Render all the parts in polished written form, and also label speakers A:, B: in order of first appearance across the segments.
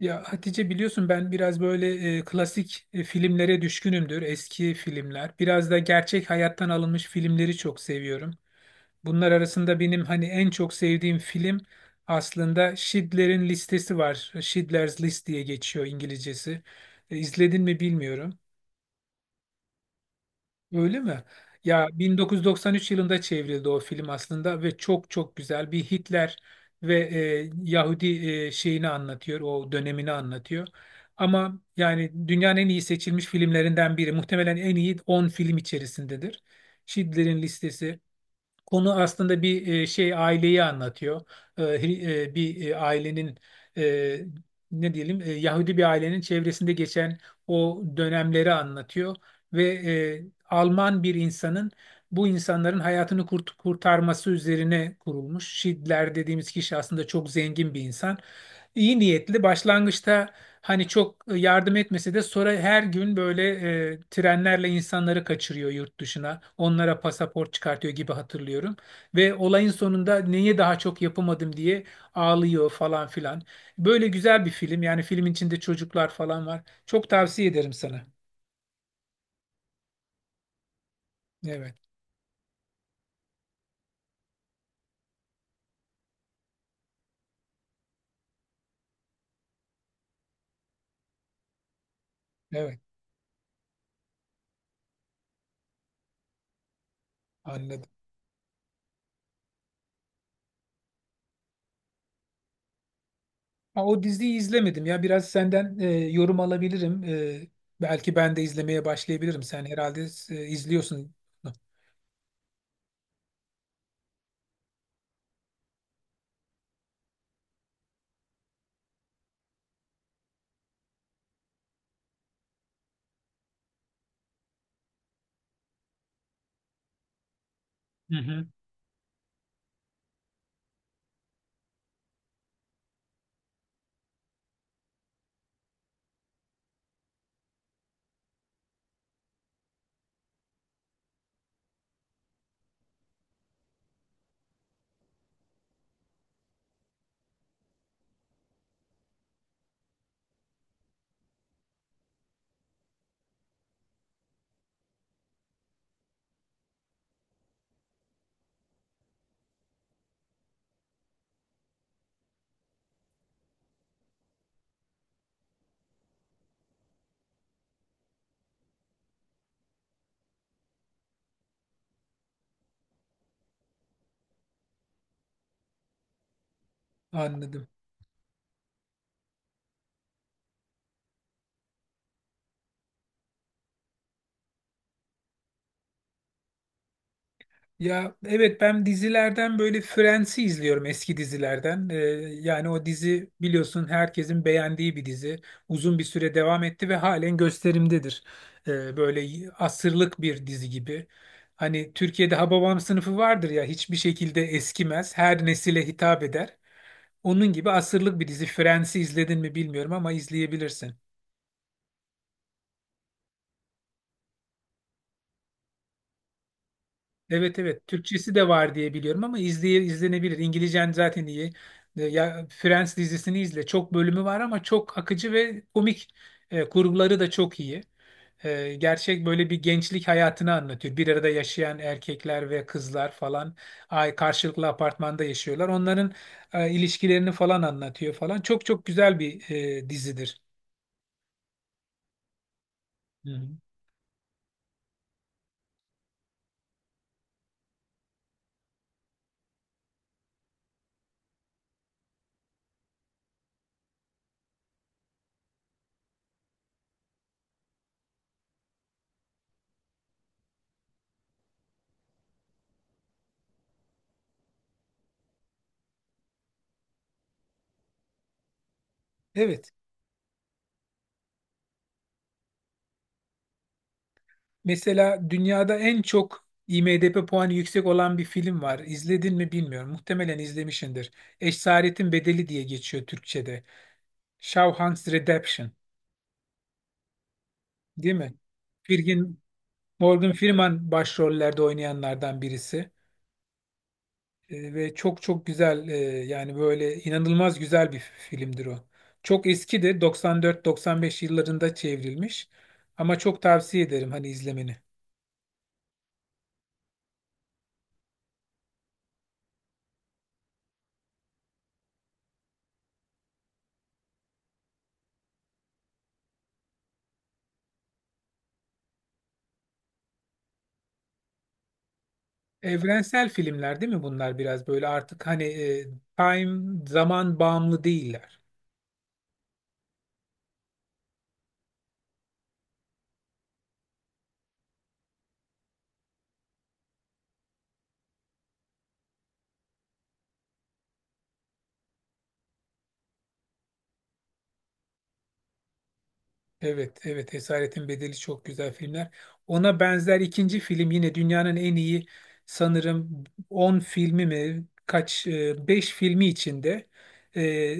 A: Ya Hatice biliyorsun ben biraz böyle klasik filmlere düşkünümdür. Eski filmler. Biraz da gerçek hayattan alınmış filmleri çok seviyorum. Bunlar arasında benim hani en çok sevdiğim film aslında Schindler'in Listesi var. Schindler's List diye geçiyor İngilizcesi. İzledin mi bilmiyorum. Öyle mi? Ya 1993 yılında çevrildi o film aslında ve çok çok güzel bir Hitler ve Yahudi şeyini anlatıyor, o dönemini anlatıyor. Ama yani dünyanın en iyi seçilmiş filmlerinden biri. Muhtemelen en iyi 10 film içerisindedir. Schindler'in Listesi. Konu aslında bir şey aileyi anlatıyor. Bir ailenin e, ne diyelim Yahudi bir ailenin çevresinde geçen o dönemleri anlatıyor ve Alman bir insanın bu insanların hayatını kurtarması üzerine kurulmuş. Şidler dediğimiz kişi aslında çok zengin bir insan. İyi niyetli başlangıçta. Hani çok yardım etmese de sonra her gün böyle trenlerle insanları kaçırıyor yurt dışına. Onlara pasaport çıkartıyor gibi hatırlıyorum. Ve olayın sonunda neyi daha çok yapamadım diye ağlıyor falan filan. Böyle güzel bir film. Yani filmin içinde çocuklar falan var. Çok tavsiye ederim sana. Evet, evet anladım. Ha, o diziyi izlemedim ya. Biraz senden yorum alabilirim. Belki ben de izlemeye başlayabilirim. Sen herhalde izliyorsun. Hı hı. Anladım. Ya evet ben dizilerden böyle Friends'i izliyorum eski dizilerden. Yani o dizi biliyorsun herkesin beğendiği bir dizi. Uzun bir süre devam etti ve halen gösterimdedir. Böyle asırlık bir dizi gibi. Hani Türkiye'de Hababam sınıfı vardır ya hiçbir şekilde eskimez. Her nesile hitap eder. Onun gibi asırlık bir dizi. Friends'i izledin mi bilmiyorum ama izleyebilirsin. Evet evet Türkçesi de var diye biliyorum ama izlenebilir. İngilizcen zaten iyi. Ya Friends dizisini izle. Çok bölümü var ama çok akıcı ve komik. Kurguları da çok iyi. Gerçek böyle bir gençlik hayatını anlatıyor. Bir arada yaşayan erkekler ve kızlar falan ay karşılıklı apartmanda yaşıyorlar. Onların ilişkilerini falan anlatıyor falan. Çok çok güzel bir dizidir. Hı hı. Evet. Mesela dünyada en çok IMDb puanı yüksek olan bir film var. İzledin mi bilmiyorum. Muhtemelen izlemişsindir. Esaretin Bedeli diye geçiyor Türkçe'de. Shawshank Redemption, değil mi? Firgin, Morgan Freeman başrollerde oynayanlardan birisi. Ve çok çok güzel yani böyle inanılmaz güzel bir filmdir o. Çok eskidir. 94-95 yıllarında çevrilmiş. Ama çok tavsiye ederim hani izlemeni. Evrensel filmler değil mi bunlar biraz böyle artık hani time zaman bağımlı değiller. Evet, evet Esaretin Bedeli çok güzel filmler. Ona benzer ikinci film yine dünyanın en iyi sanırım 10 filmi mi kaç 5 filmi içinde e,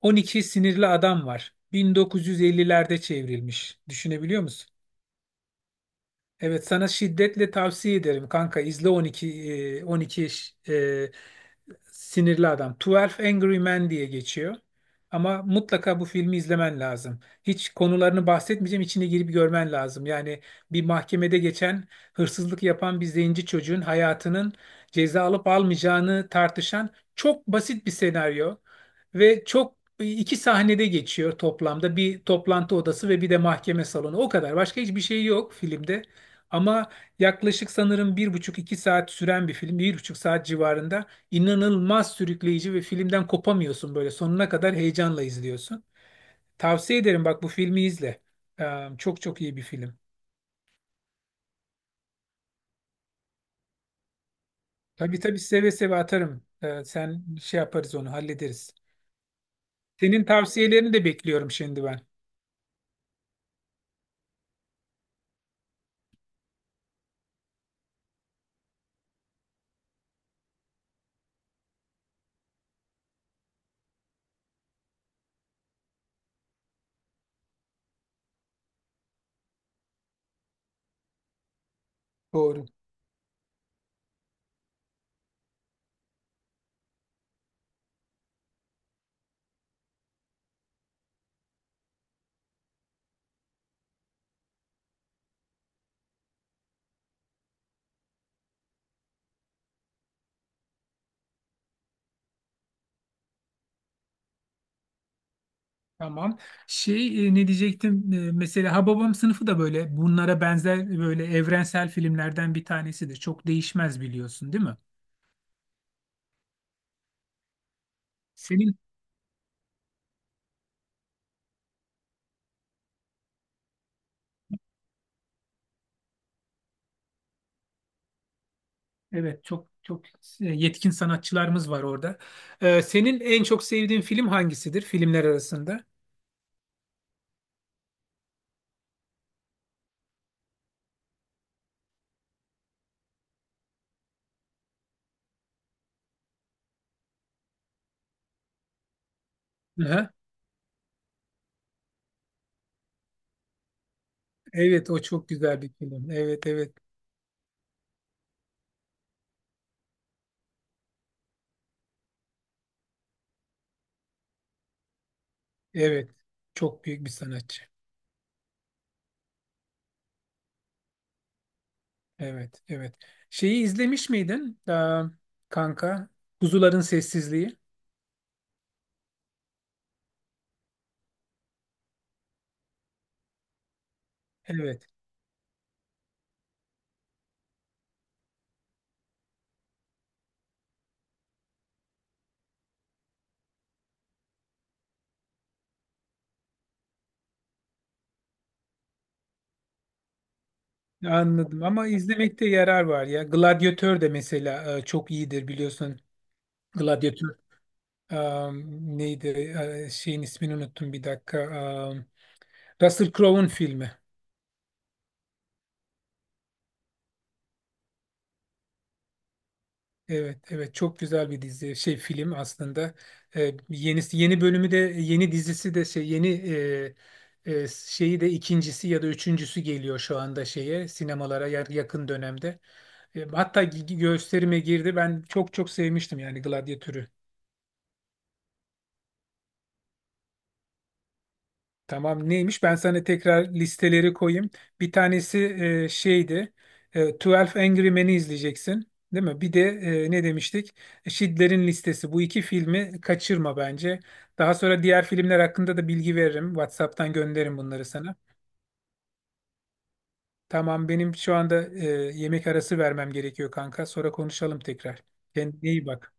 A: 12 Sinirli Adam var. 1950'lerde çevrilmiş. Düşünebiliyor musun? Evet sana şiddetle tavsiye ederim kanka izle 12 12 sinirli adam. 12 Angry Men diye geçiyor. Ama mutlaka bu filmi izlemen lazım. Hiç konularını bahsetmeyeceğim, içine girip görmen lazım. Yani bir mahkemede geçen hırsızlık yapan bir zenci çocuğun hayatının ceza alıp almayacağını tartışan çok basit bir senaryo ve çok iki sahnede geçiyor toplamda. Bir toplantı odası ve bir de mahkeme salonu. O kadar. Başka hiçbir şey yok filmde. Ama yaklaşık sanırım bir buçuk iki saat süren bir film, bir buçuk saat civarında inanılmaz sürükleyici ve filmden kopamıyorsun böyle sonuna kadar heyecanla izliyorsun. Tavsiye ederim bak bu filmi izle. Çok çok iyi bir film. Tabii tabii seve seve atarım. Sen şey yaparız onu hallederiz. Senin tavsiyelerini de bekliyorum şimdi ben. Doğru. Tamam. Şey ne diyecektim? Mesela Hababam sınıfı da böyle bunlara benzer böyle evrensel filmlerden bir tanesidir. Çok değişmez biliyorsun, değil mi? Senin evet çok çok yetkin sanatçılarımız var orada. Senin en çok sevdiğin film hangisidir filmler arasında? Aha. Evet o çok güzel bir film. Evet evet. Evet. Çok büyük bir sanatçı. Evet evet. Şeyi izlemiş miydin? Aa, kanka. Kuzuların Sessizliği. Evet. Anladım ama izlemekte yarar var ya. Gladyatör de mesela çok iyidir biliyorsun. Gladyatör e, neydi. Şeyin ismini unuttum bir dakika. Russell Crowe'un filmi. Evet evet çok güzel bir dizi şey film aslında. Yenisi yeni bölümü de yeni dizisi de şey yeni şeyi de ikincisi ya da üçüncüsü geliyor şu anda şeye sinemalara yakın dönemde. Hatta gösterime girdi. Ben çok çok sevmiştim yani Gladyatör'ü. Tamam neymiş? Ben sana tekrar listeleri koyayım. Bir tanesi şeydi. 12 Angry Men'i izleyeceksin. Değil mi? Bir de ne demiştik? Schindler'in Listesi. Bu iki filmi kaçırma bence. Daha sonra diğer filmler hakkında da bilgi veririm. WhatsApp'tan gönderirim bunları sana. Tamam benim şu anda yemek arası vermem gerekiyor kanka. Sonra konuşalım tekrar. Kendine iyi bak.